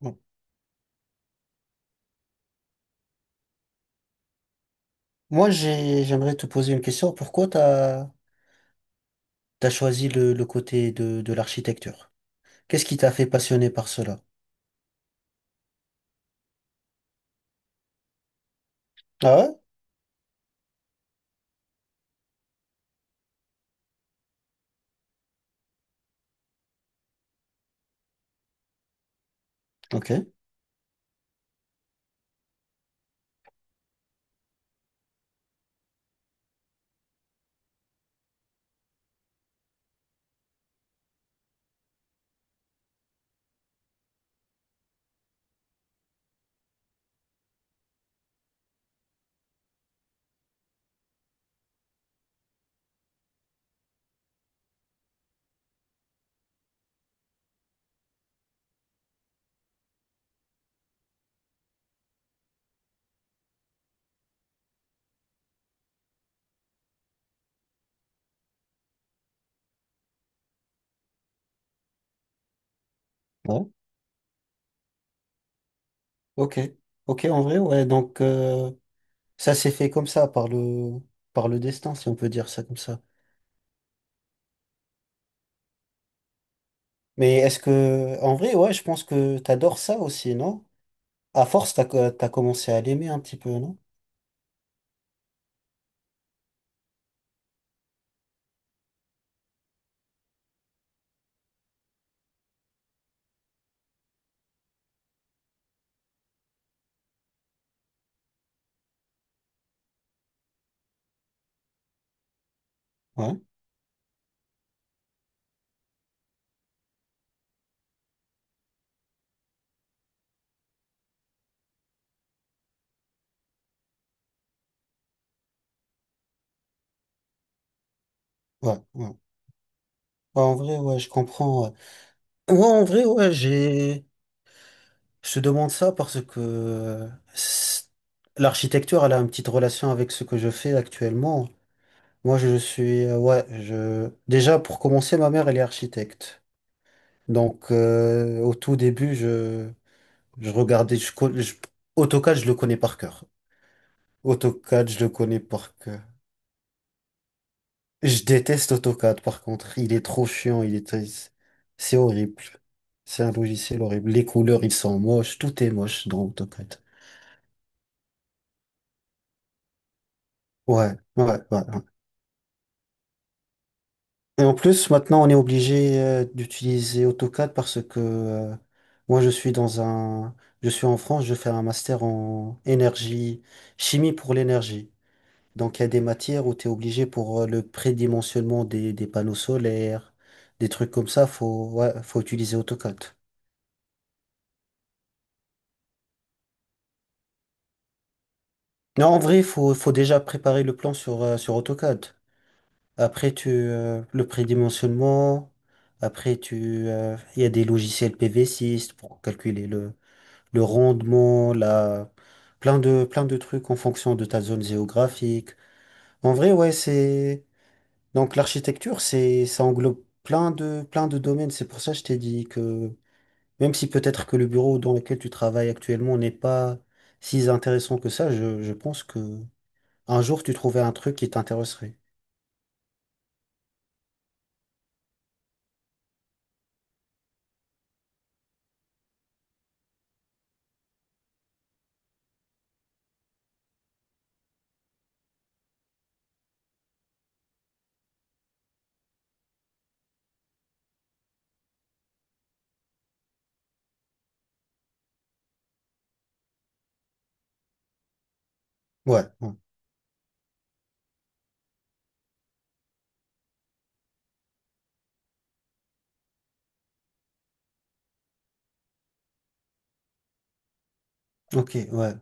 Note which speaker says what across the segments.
Speaker 1: Bon. Moi, j'aimerais te poser une question. Pourquoi t'as choisi le côté de l'architecture? Qu'est-ce qui t'a fait passionner par cela? Ah ouais? Ok. Ouais. Ok. Ok, en vrai, ouais. Donc, ça s'est fait comme ça, par le destin, si on peut dire ça comme ça. Mais est-ce que, en vrai, ouais, je pense que t'adores ça aussi, non? À force, t'as commencé à l'aimer un petit peu, non? Ouais, ouais, ouais. Ouais, en vrai, ouais, je comprends. Ouais, ouais, en vrai, ouais, je te demande ça parce que c'est- l'architecture, elle a une petite relation avec ce que je fais actuellement. Moi, je suis, ouais, je, déjà, pour commencer, ma mère, elle est architecte. Donc, au tout début, je regardais, AutoCAD, je le connais par cœur. AutoCAD, je le connais par cœur. Je déteste AutoCAD, par contre. Il est trop chiant, c'est horrible. C'est un logiciel horrible. Les couleurs, ils sont moches. Tout est moche dans AutoCAD. Ouais, ouais, ouais. Ouais. Et en plus, maintenant, on est obligé d'utiliser AutoCAD parce que moi, je suis dans un, je suis en France, je fais un master en énergie, chimie pour l'énergie. Donc, il y a des matières où tu es obligé pour le prédimensionnement des panneaux solaires, des trucs comme ça, faut, ouais, faut utiliser AutoCAD. Non, en vrai, faut, faut déjà préparer le plan sur AutoCAD. Après, le prédimensionnement. Après, il y a des logiciels PV6 pour calculer le rendement, la, plein de trucs en fonction de ta zone géographique. En vrai, ouais, donc l'architecture, ça englobe plein de domaines. C'est pour ça que je t'ai dit que même si peut-être que le bureau dans lequel tu travailles actuellement n'est pas si intéressant que ça, je pense que un jour tu trouverais un truc qui t'intéresserait. Ouais, ouais. Ok, ouais,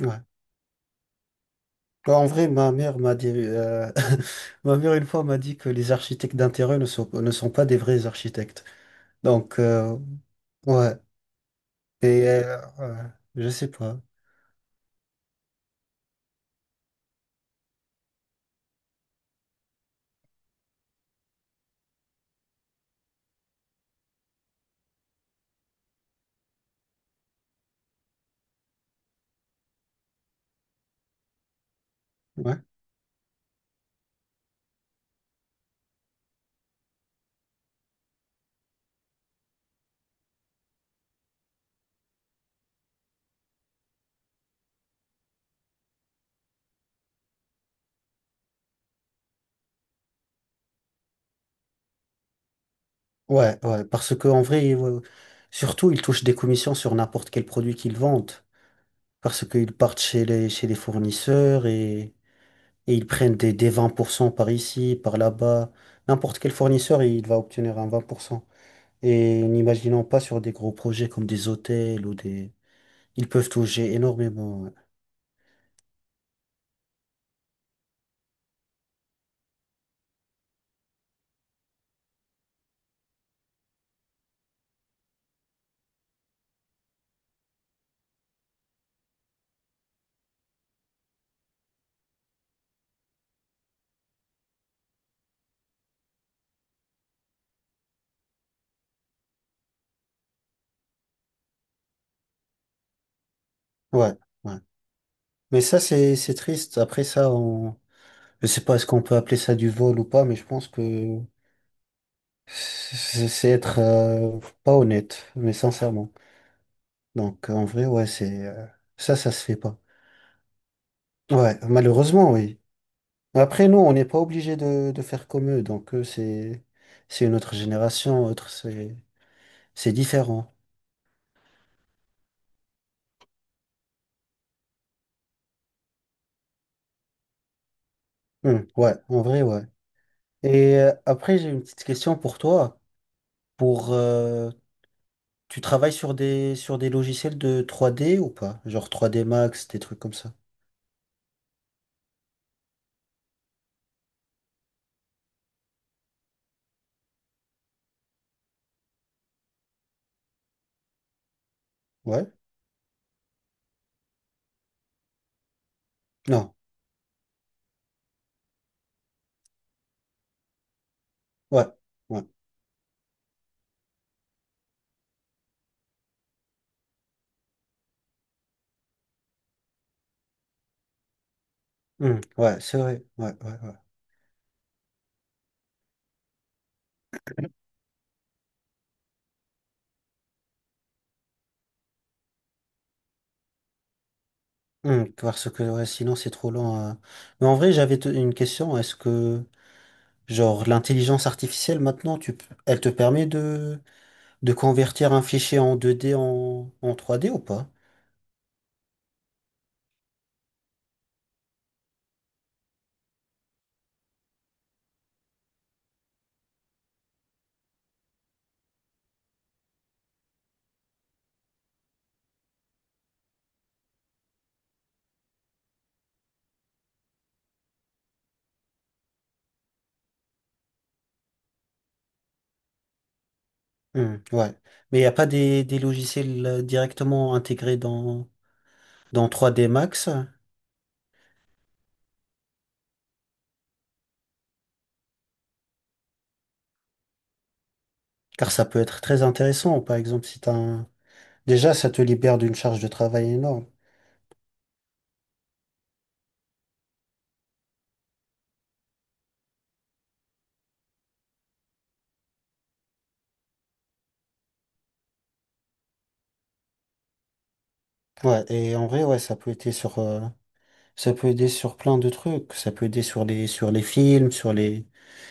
Speaker 1: ouais. Bah, en vrai, ma mère m'a dit, ma mère une fois m'a dit que les architectes d'intérêt ne sont pas des vrais architectes. Donc, ouais. Et ouais, je sais pas. Ouais. Ouais, ouais, parce que en vrai, surtout, ils touchent des commissions sur n'importe quel produit qu'ils vendent, parce qu'ils partent chez les fournisseurs et ils prennent des 20% par ici, par là-bas. N'importe quel fournisseur, il va obtenir un 20%. Et n'imaginons pas sur des gros projets comme des hôtels ou des. Ils peuvent toucher énormément. Ouais, ouais. Ouais. Mais ça, c'est triste. Après ça, on. Je sais pas est-ce qu'on peut appeler ça du vol ou pas, mais je pense que c'est être pas honnête, mais sincèrement. Donc en vrai, ouais, ça se fait pas. Ouais, malheureusement, oui. Après, nous, on n'est pas obligé de faire comme eux. Donc eux, c'est une autre génération, autre, c'est différent. Ouais, en vrai, ouais. Et après, j'ai une petite question pour toi. Pour Tu travailles sur des logiciels de 3D ou pas? Genre 3D Max, des trucs comme ça. Ouais? Non. Ouais. Ouais. Ouais, c'est vrai. Ouais, ouais, ouais. Hmm, parce que ouais, sinon c'est trop lent. Mais en vrai, j'avais une question. Est-ce que, genre, l'intelligence artificielle maintenant, elle te permet de convertir un fichier en 2D en 3D ou pas? Hmm, ouais. Mais il n'y a pas des logiciels directement intégrés dans 3D Max? Car ça peut être très intéressant. Par exemple, si t'as un. Déjà, ça te libère d'une charge de travail énorme. Ouais, et en vrai, ouais, ça peut aider sur, plein de trucs. Ça peut aider sur les films, sur les,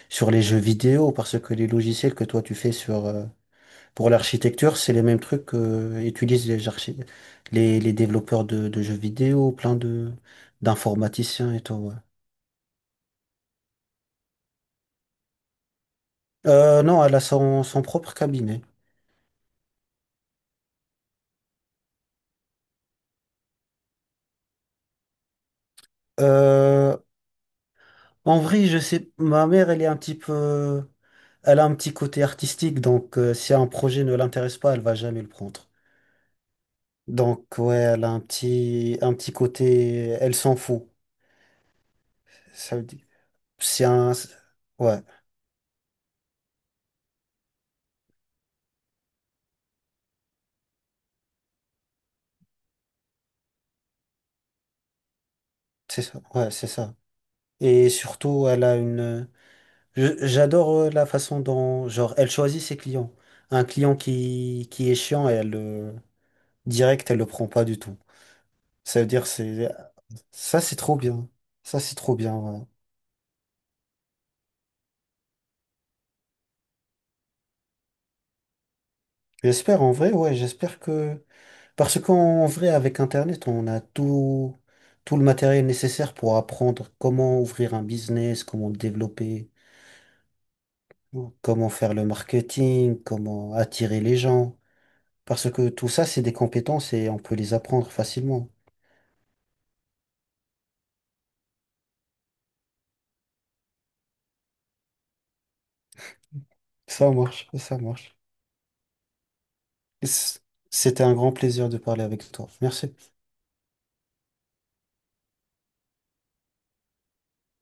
Speaker 1: sur les jeux vidéo, parce que les logiciels que toi tu fais pour l'architecture, c'est les mêmes trucs que utilisent les développeurs de jeux vidéo, plein de d'informaticiens et tout. Ouais. Non, elle a son propre cabinet. Euh, en vrai, je sais, ma mère, elle est un petit peu, elle a un petit côté artistique, donc si un projet ne l'intéresse pas, elle va jamais le prendre. Donc ouais, elle a un petit côté, elle s'en fout. Ça veut dire, c'est un, ouais. C'est ça, ouais, c'est ça. Et surtout, elle a une. J'adore la façon dont, genre, elle choisit ses clients. Un client qui est chiant, elle le direct, elle le prend pas du tout. Ça veut dire, c'est ça, c'est trop bien. Ça, c'est trop bien. Ouais. J'espère en vrai, ouais, j'espère que parce qu'en vrai, avec Internet, on a tout le matériel nécessaire pour apprendre comment ouvrir un business, comment le développer, comment faire le marketing, comment attirer les gens. Parce que tout ça, c'est des compétences et on peut les apprendre facilement. Ça marche, ça marche. C- C'était un grand plaisir de parler avec toi. Merci.